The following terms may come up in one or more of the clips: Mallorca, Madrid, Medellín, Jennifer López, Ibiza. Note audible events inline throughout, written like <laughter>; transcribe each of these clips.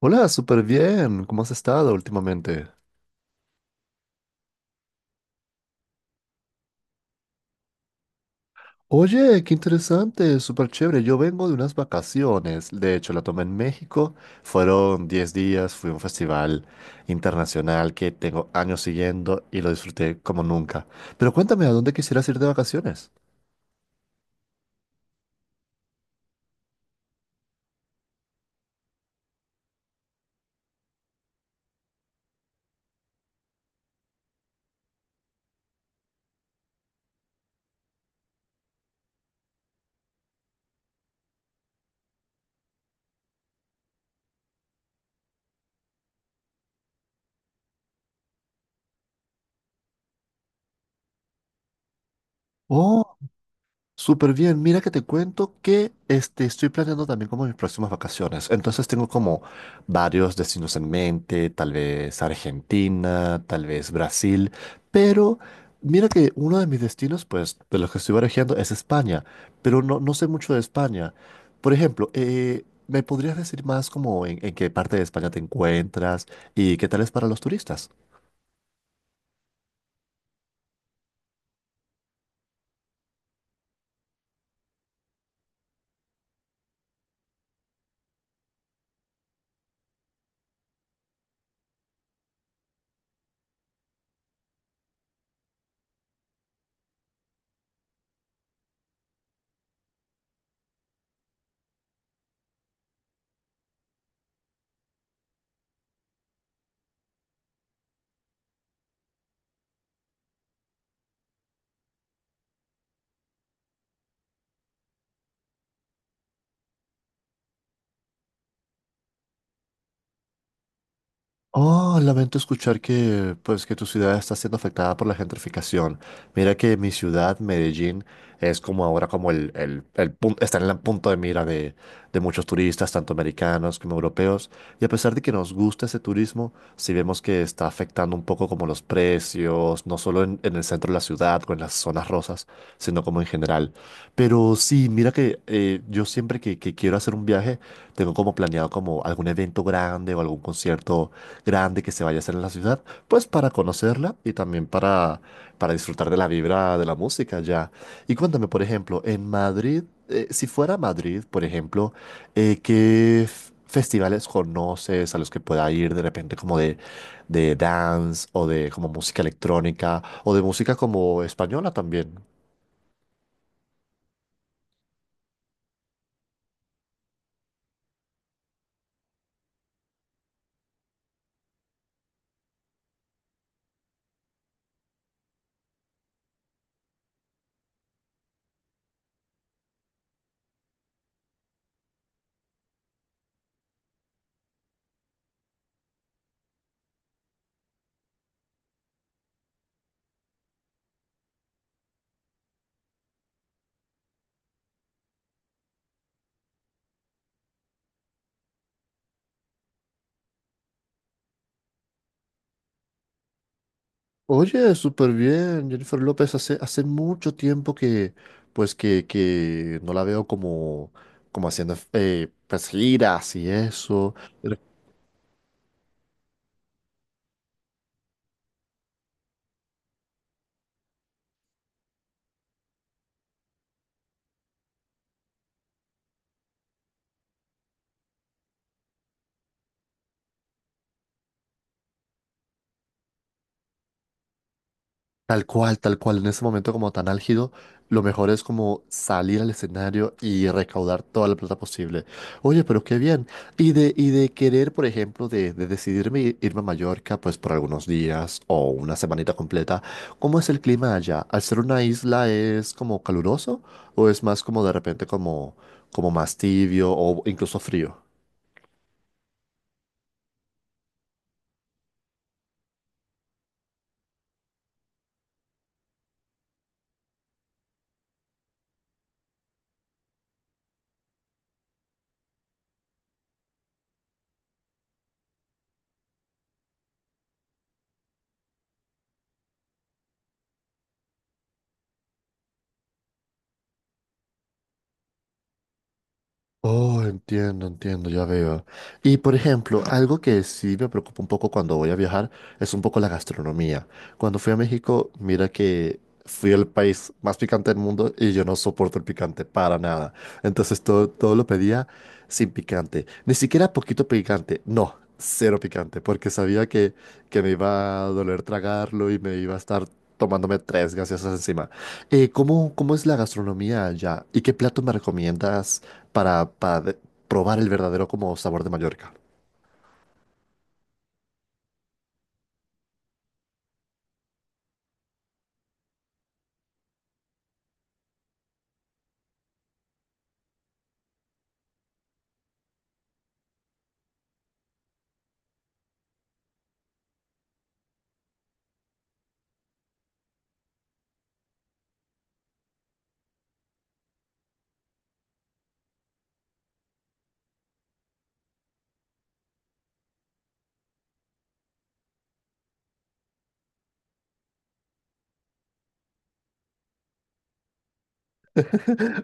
Hola, súper bien. ¿Cómo has estado últimamente? Oye, qué interesante, súper chévere. Yo vengo de unas vacaciones. De hecho, la tomé en México. Fueron 10 días, fui a un festival internacional que tengo años siguiendo y lo disfruté como nunca. Pero cuéntame, ¿a dónde quisieras ir de vacaciones? Súper bien, mira que te cuento que estoy planeando también como mis próximas vacaciones. Entonces tengo como varios destinos en mente, tal vez Argentina, tal vez Brasil, pero mira que uno de mis destinos, pues de los que estoy barajando es España, pero no, no sé mucho de España. Por ejemplo, ¿me podrías decir más como en qué parte de España te encuentras y qué tal es para los turistas? Oh, lamento escuchar que, pues, que tu ciudad está siendo afectada por la gentrificación. Mira que mi ciudad, Medellín, es como ahora como está en el punto de mira de muchos turistas, tanto americanos como europeos. Y a pesar de que nos gusta ese turismo, sí vemos que está afectando un poco como los precios, no solo en el centro de la ciudad o en las zonas rosas, sino como en general. Pero sí, mira que yo siempre que quiero hacer un viaje, tengo como planeado como algún evento grande o algún concierto grande que se vaya a hacer en la ciudad, pues para conocerla y también para disfrutar de la vibra de la música ya. Y cuéntame, por ejemplo, en Madrid, si fuera Madrid, por ejemplo, ¿qué festivales conoces a los que pueda ir de repente como de dance o de como música electrónica o de música como española también? Oye, súper bien, Jennifer López. Hace mucho tiempo que, pues, que no la veo como haciendo pues, giras y eso. Tal cual, en ese momento como tan álgido, lo mejor es como salir al escenario y recaudar toda la plata posible. Oye, pero qué bien. Y de querer, por ejemplo, de decidirme irme a Mallorca, pues por algunos días o una semanita completa, ¿cómo es el clima allá? ¿Al ser una isla es como caluroso o es más como de repente como más tibio o incluso frío? Oh, entiendo, entiendo, ya veo. Y por ejemplo, algo que sí me preocupa un poco cuando voy a viajar es un poco la gastronomía. Cuando fui a México, mira que fui el país más picante del mundo y yo no soporto el picante para nada. Entonces todo lo pedía sin picante. Ni siquiera poquito picante, no, cero picante, porque sabía que me iba a doler tragarlo y me iba a estar tomándome tres gaseosas encima. ¿Cómo es la gastronomía allá? ¿Y qué plato me recomiendas probar el verdadero como sabor de Mallorca?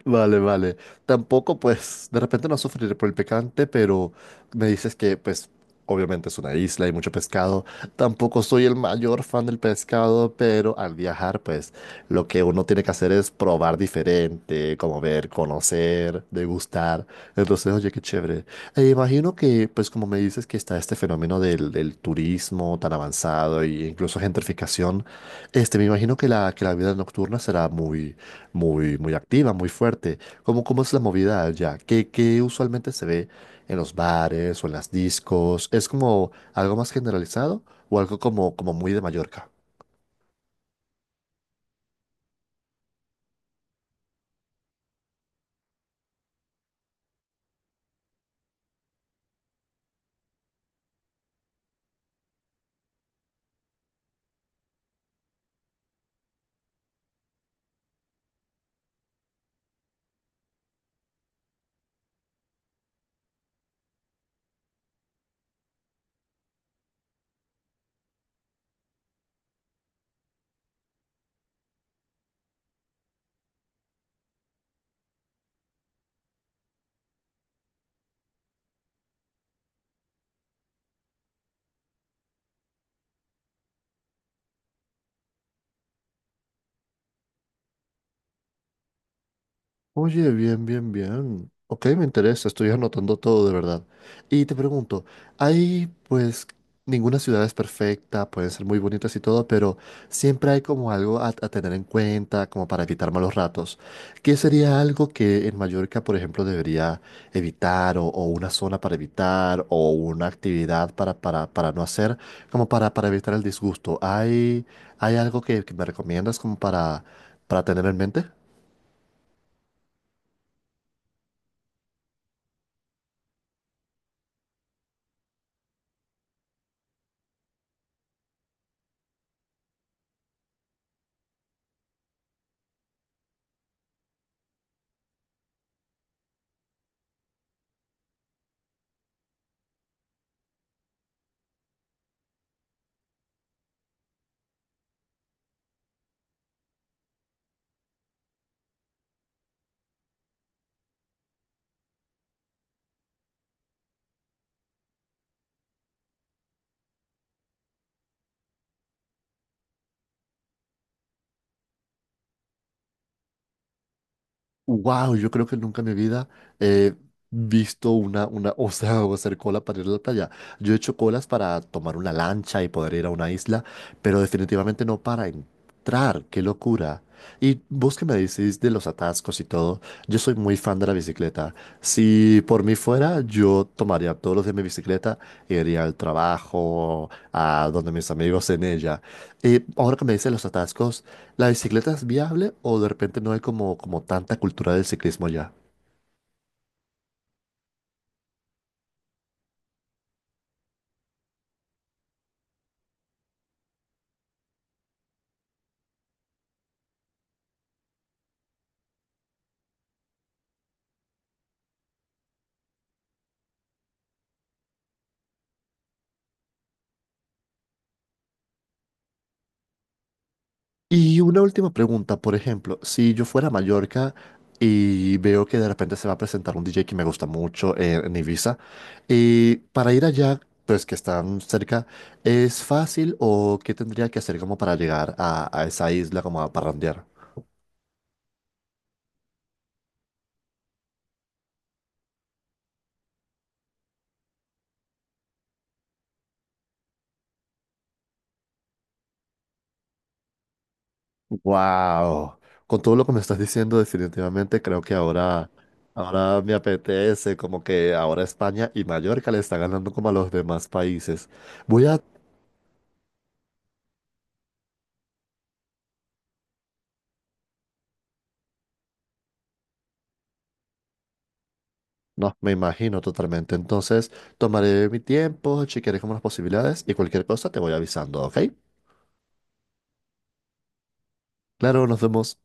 Vale, vale. Tampoco, pues, de repente no sufriré por el picante, pero me dices que, pues, obviamente es una isla y mucho pescado. Tampoco soy el mayor fan del pescado, pero al viajar, pues, lo que uno tiene que hacer es probar diferente, como ver, conocer, degustar. Entonces, oye, qué chévere. E imagino que, pues, como me dices que está este fenómeno del turismo tan avanzado e incluso gentrificación, este, me imagino que que la vida nocturna será muy, muy activa, muy fuerte. ¿Cómo, cómo es la movida allá? ¿Qué, qué usualmente se ve en los bares o en las discos? ¿Es como algo más generalizado o algo como, como muy de Mallorca? Oye, bien, bien, bien. Ok, me interesa, estoy anotando todo de verdad. Y te pregunto, hay pues ninguna ciudad es perfecta, pueden ser muy bonitas y todo, pero siempre hay como algo a tener en cuenta, como para evitar malos ratos. ¿Qué sería algo que en Mallorca, por ejemplo, debería evitar o una zona para evitar o una actividad para no hacer, como para evitar el disgusto? ¿Hay, hay algo que me recomiendas como para tener en mente? Wow, yo creo que nunca en mi vida he visto una, <laughs> o sea, o hacer cola para ir a la playa. Yo he hecho colas para tomar una lancha y poder ir a una isla, pero definitivamente no para entrar. ¡Qué locura! Y vos que me decís de los atascos y todo, yo soy muy fan de la bicicleta. Si por mí fuera, yo tomaría todos los días mi bicicleta, iría al trabajo, a donde mis amigos en ella. Y ahora que me dices los atascos, ¿la bicicleta es viable o de repente no hay como, como tanta cultura del ciclismo ya? Y una última pregunta, por ejemplo, si yo fuera a Mallorca y veo que de repente se va a presentar un DJ que me gusta mucho en Ibiza, y para ir allá, pues que están cerca, ¿es fácil o qué tendría que hacer como para llegar a esa isla como a parrandear? Wow, con todo lo que me estás diciendo, definitivamente creo que ahora, ahora me apetece, como que ahora España y Mallorca le está ganando como a los demás países. Voy a, no, me imagino totalmente. Entonces, tomaré mi tiempo, chequearé como las posibilidades y cualquier cosa te voy avisando, ¿ok? Claro, nos vemos.